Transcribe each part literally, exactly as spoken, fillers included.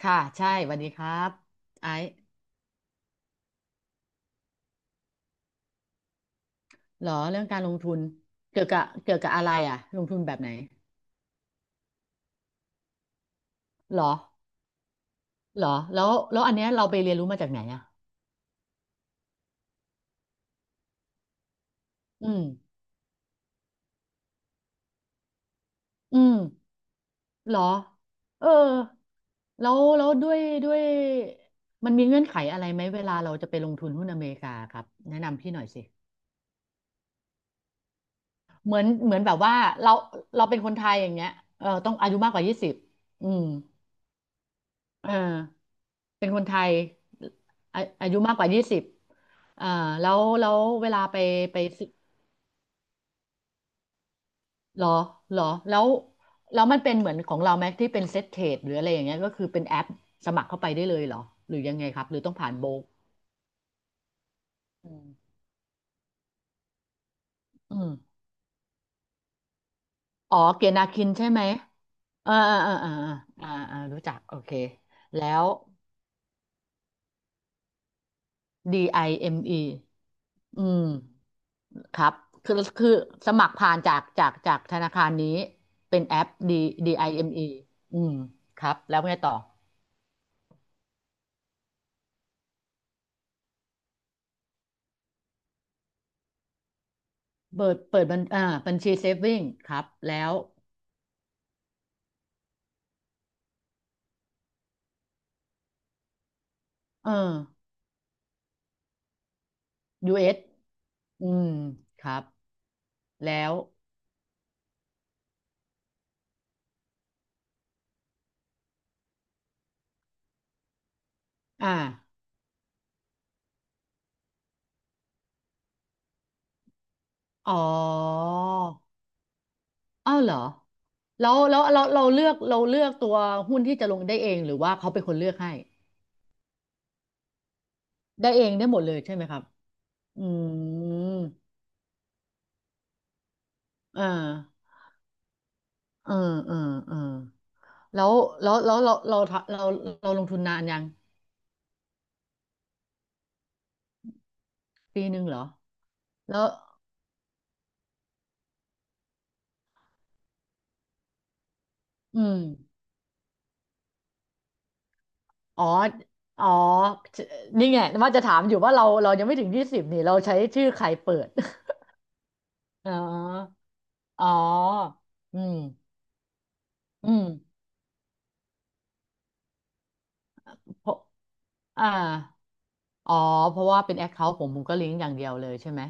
ค่ะใช่สวัสดีครับไอซ์เหรอเรื่องการลงทุนเกี่ยวกับเกี่ยวกับอะไรอ่ะลงทุนแบบไหนเหรอเหรอแล้วแล้วอันเนี้ยเราไปเรียนรู้มาจากไหนอ่ะอืมอืมเหรอเออแล้วแล้วด้วยด้วยมันมีเงื่อนไขอะไรไหมเวลาเราจะไปลงทุนหุ้นอเมริกาครับแนะนำพี่หน่อยสิเหมือนเหมือนแบบว่าเราเราเป็นคนไทยอย่างเงี้ยเออต้องอายุมากกว่ายี่สิบอืมเออ เป็นคนไทยอาอายุมากกว่ายี่สิบอ่าแล้วแล้วเวลาไปไปซื้อหรอหรอแล้วแล้วมันเป็นเหมือนของเราไหมที่เป็นเซ็ตเทรดหรืออะไรอย่างเงี้ยก็คือเป็นแอปสมัครเข้าไปได้เลยเหรอหรือยังไงครับหรือต้องผ่านโบรกอืมอืมอ๋อเกียรตินาคินใช่ไหม อ่าอ่าอ่าอาอ่าอ่ารู้จักโอเคแล้ว ดี ไอ เอ็ม อี อเอ็มอีอืม ครับคือคือสมัครผ่านจากจากจากธนาคารนี้เป็นแอป D ดี i m e อมอีอืมครับแล้วไงต่อเปิดเปิดบัญอ่าบัญชีเซฟวิ่งครับแล้วเออยูเอ s อืมครับแล้วอ่าอ๋ออ้าวเหรอแล้วแล้วเราเราเลือกเราเลือกตัวหุ้นที่จะลงได้เองหรือว่าเขาเป็นคนเลือกให้ได้เองได้หมดเลยใช่ไหมครับอืมอ่าเออเออเออ แล้วแล้วแล้วเราเราเราเราลงทุนนานยังปีหนึ่งเหรอแล้วอืมอ๋ออ๋อนี่ไงว่าจะถามอยู่ว่าเราเรายังไม่ถึงยี่สิบนี่เราใช้ชื่อใครเปิด อ๋ออ๋ออืมอืมเพราะอ่าอ๋อเพราะว่าเป็นแอคเคาท์ผมผมก็ลิงก์อย่างเดียวเลยใช่ไหม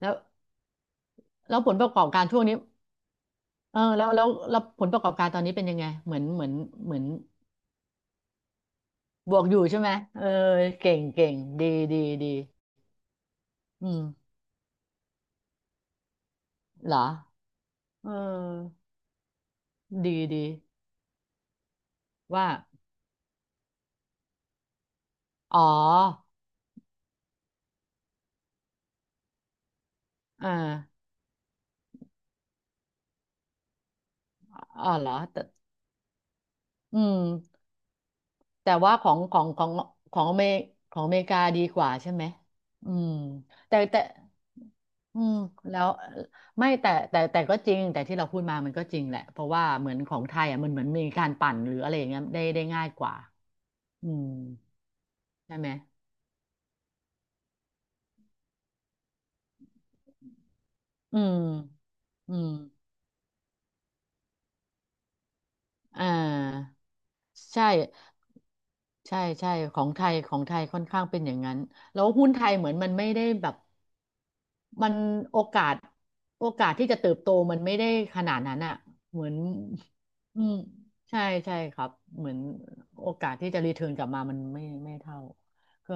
แล้วแล้วผลประกอบการช่วงนี้เออแล้วแล้วแล้วผลประกอบการตอนนี้เป็นยังไงเหมือนเหมือนเหมือนบวกอยู่ใช่ไหมเออเก่งเก่งดีดีดีอืม เหรอเออดีดี ว่า อ๋ออ่าอ๋อเหรอแต่อืมแต่ว่าของของของของอเมริของอเมริกาดีกว่าใช่ไหมอืมแต่แต่อืมแล้วไม่แต่แต่แต่ก็จริง แต่ที่เราพูดมามันก็จริงแหละ เพราะว่าเหมือนของไทยอ่ะมันเหมือนมีการปั่นหรืออะไรอย่างเงี้ยได้ได้ง่ายกว่าอืมใช่ไหมอืมอืมอ่าใช่ ใช่ใช่ของไทยของไทยค่อนข้างเป็นอย่างนั้นแล้วหุ้นไทยเหมือนมันไม่ได้แบบมันโอกาสโอกาสที่จะเติบโตมันไม่ได้ขนาดนั้นอ่ะเหมือนอืมใช่ใช่ครับเหมือนโอกาสที่จะรีเทิร์นกลับมามันไม่ไม่เท่าก็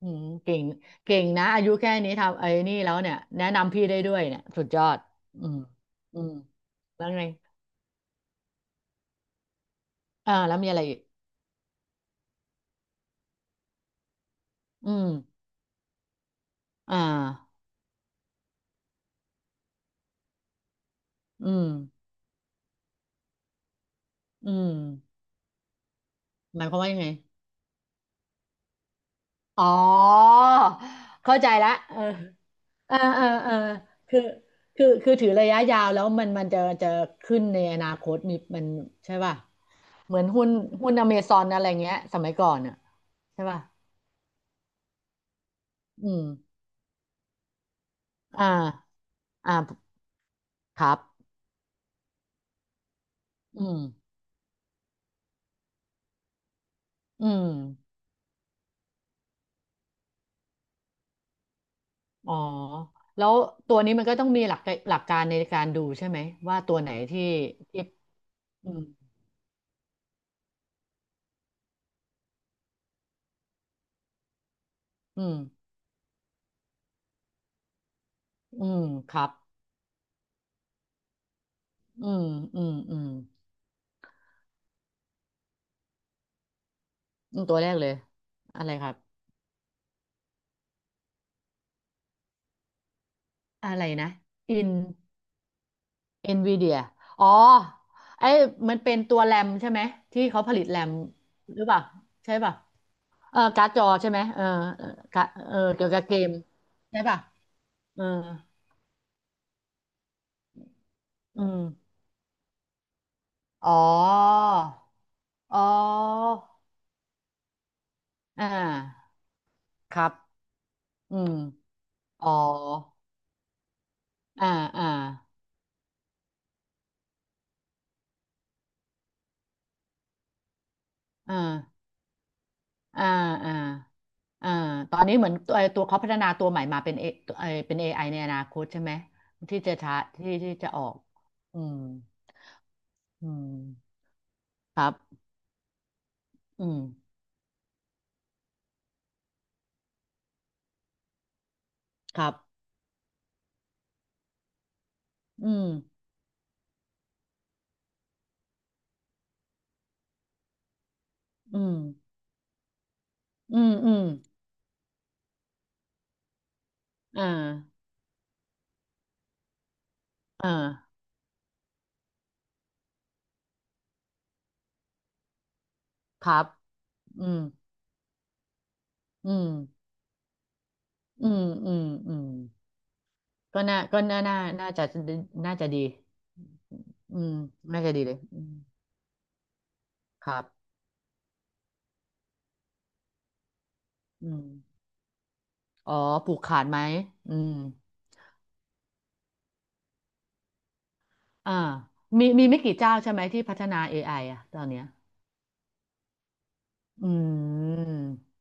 อืมเก่งเก่งนะอายุแค่นี้ทำไอ้นี่แล้วเนี่ยแนะนำพี่ได้ด้วยเนี่ยสุดยอดอืมอืมแล้วไงอ่าแล้วมีอะไรอีกอืมอ่าอืมอืมหมายความว่ายังไง อ๋อเข้าใจละเออเออเออเออคือคือคือถือระยะยาวแล้วมันมันจะจะขึ้นในอนาคตมีมันใช่ป่ะเหมือนหุ้นหุ้นอเมซอนอะไรเงี้ยสมัยก่อนอ่ะใช่ป่ะอืมอ่าอ่าครับอืมอืมอ๋อแล้วตัวนี้มันก็ต้องมีหลักหลักการในการดูใช่ไหมว่าตัวไหนที่ที่อืมอืมอืมครับอืมอืมอืมอืมตัวแรกเลยอะไรครับ อะไรนะอินเอ็นวีเดียอ๋อไอ้มันเป็นตัวแรมใช่ไหมที่เขาผลิตแรมหรือเปล่าใช่ป่ะเออการ์ดจอใช่ไหมเออเออกรเออเกี่ยวกับเกมใช่ป่ะเอออืมอ๋อ อ๋ออ่าครับอืมอ๋ออ่าอ่าอ่า อ่าอ่าอ่าตอนนี้เหมือนตัวไอ้ตัวเขาพัฒนาตัวใหม่มาเป็นเอไอเป็น เอ ไอ ในอนาคตใช่ไหมที่จะช้าที่ที่จะออกอืมอืมครับอืมครับอืมอืมอืมอืมอ่าอ่าครับอืมอืมอืมอืมอืมก็น่าก็น่าน่าน่าจะน่าจะดีอืมน่าจะดีเลยอืมครับอืมอ๋อผูกขาดไหมอืม อ่ามีมีไม่กี่เจ้าใช่ไหมที่พัฒนา เอ ไอ อไออ่ะตอนเนี้ยอืม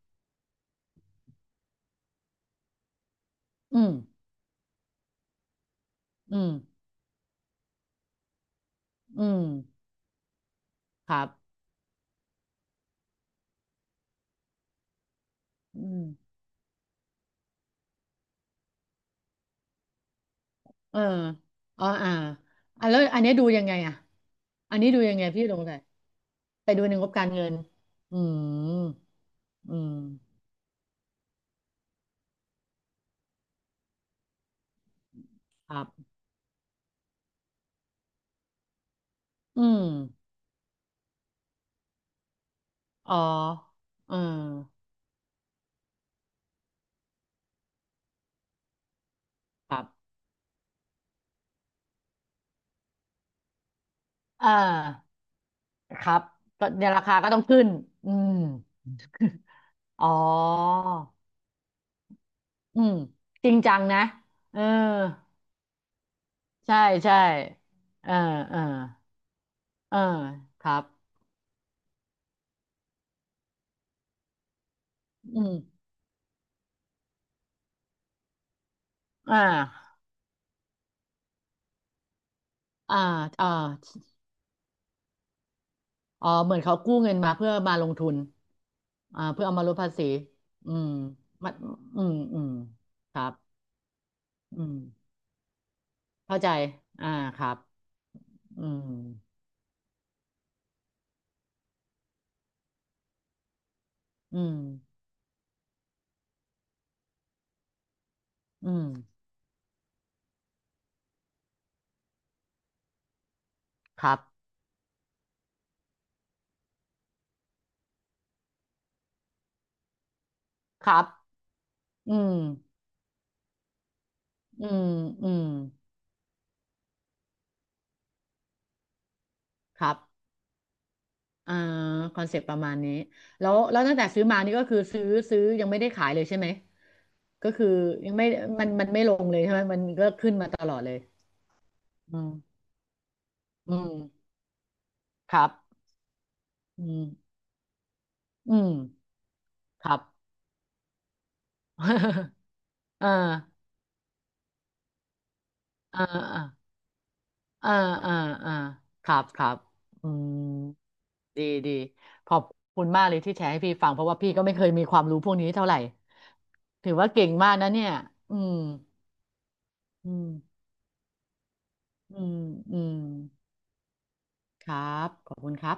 อืมอืมอืมครับอืมเอออ๋ออ่าอ่ะแล้วอันเนี้ยดูยังไงอ่ะอันนี้ดูยังไงพี่ลงเลยไปดูในงบการเงินอืมอืมครับอืมอ๋อเออครับเออครับก็เนี่ยราคาก็ต้องขึ้นอืม อ๋ออืมจริงจังนะเออ ใช่ใช่เออเออเออครับอืมอ่าอ่าอ่าอ๋อเหมือนเขากู้เงินมาเพื่อมาลงทุนอ่าเพื่อเอามาลดภาษีอืมมันอืมอืมครับอืมเข้าใจอ่าครับอืมอืมอืมครับครับอืมอืมอืมครับ อ่าคอนเซปต์ประมาณนี้แล้วแล้วตั้งแต่ซื้อมานี่ก็คือซื้อซื้อยังไม่ได้ขายเลยใช่ไหมก็คือยังไม่มันมันไม่ลงเลยใช่ไหมมันก็ขึ้นมาตลอดเลยอืมอืมครับอืมอืมครับ อ่าอ่าอ่าอ่าอ่าครับครับอืมดีดีขอบคุณมากเลยที่แชร์ให้พี่ฟังเพราะว่าพี่ก็ไม่เคยมีความรู้พวกนี้เท่าไหร่ถือว่าเก่งมากนะเนี่ยอืมอืมอืมอืม ครับ ขอบคุณครับ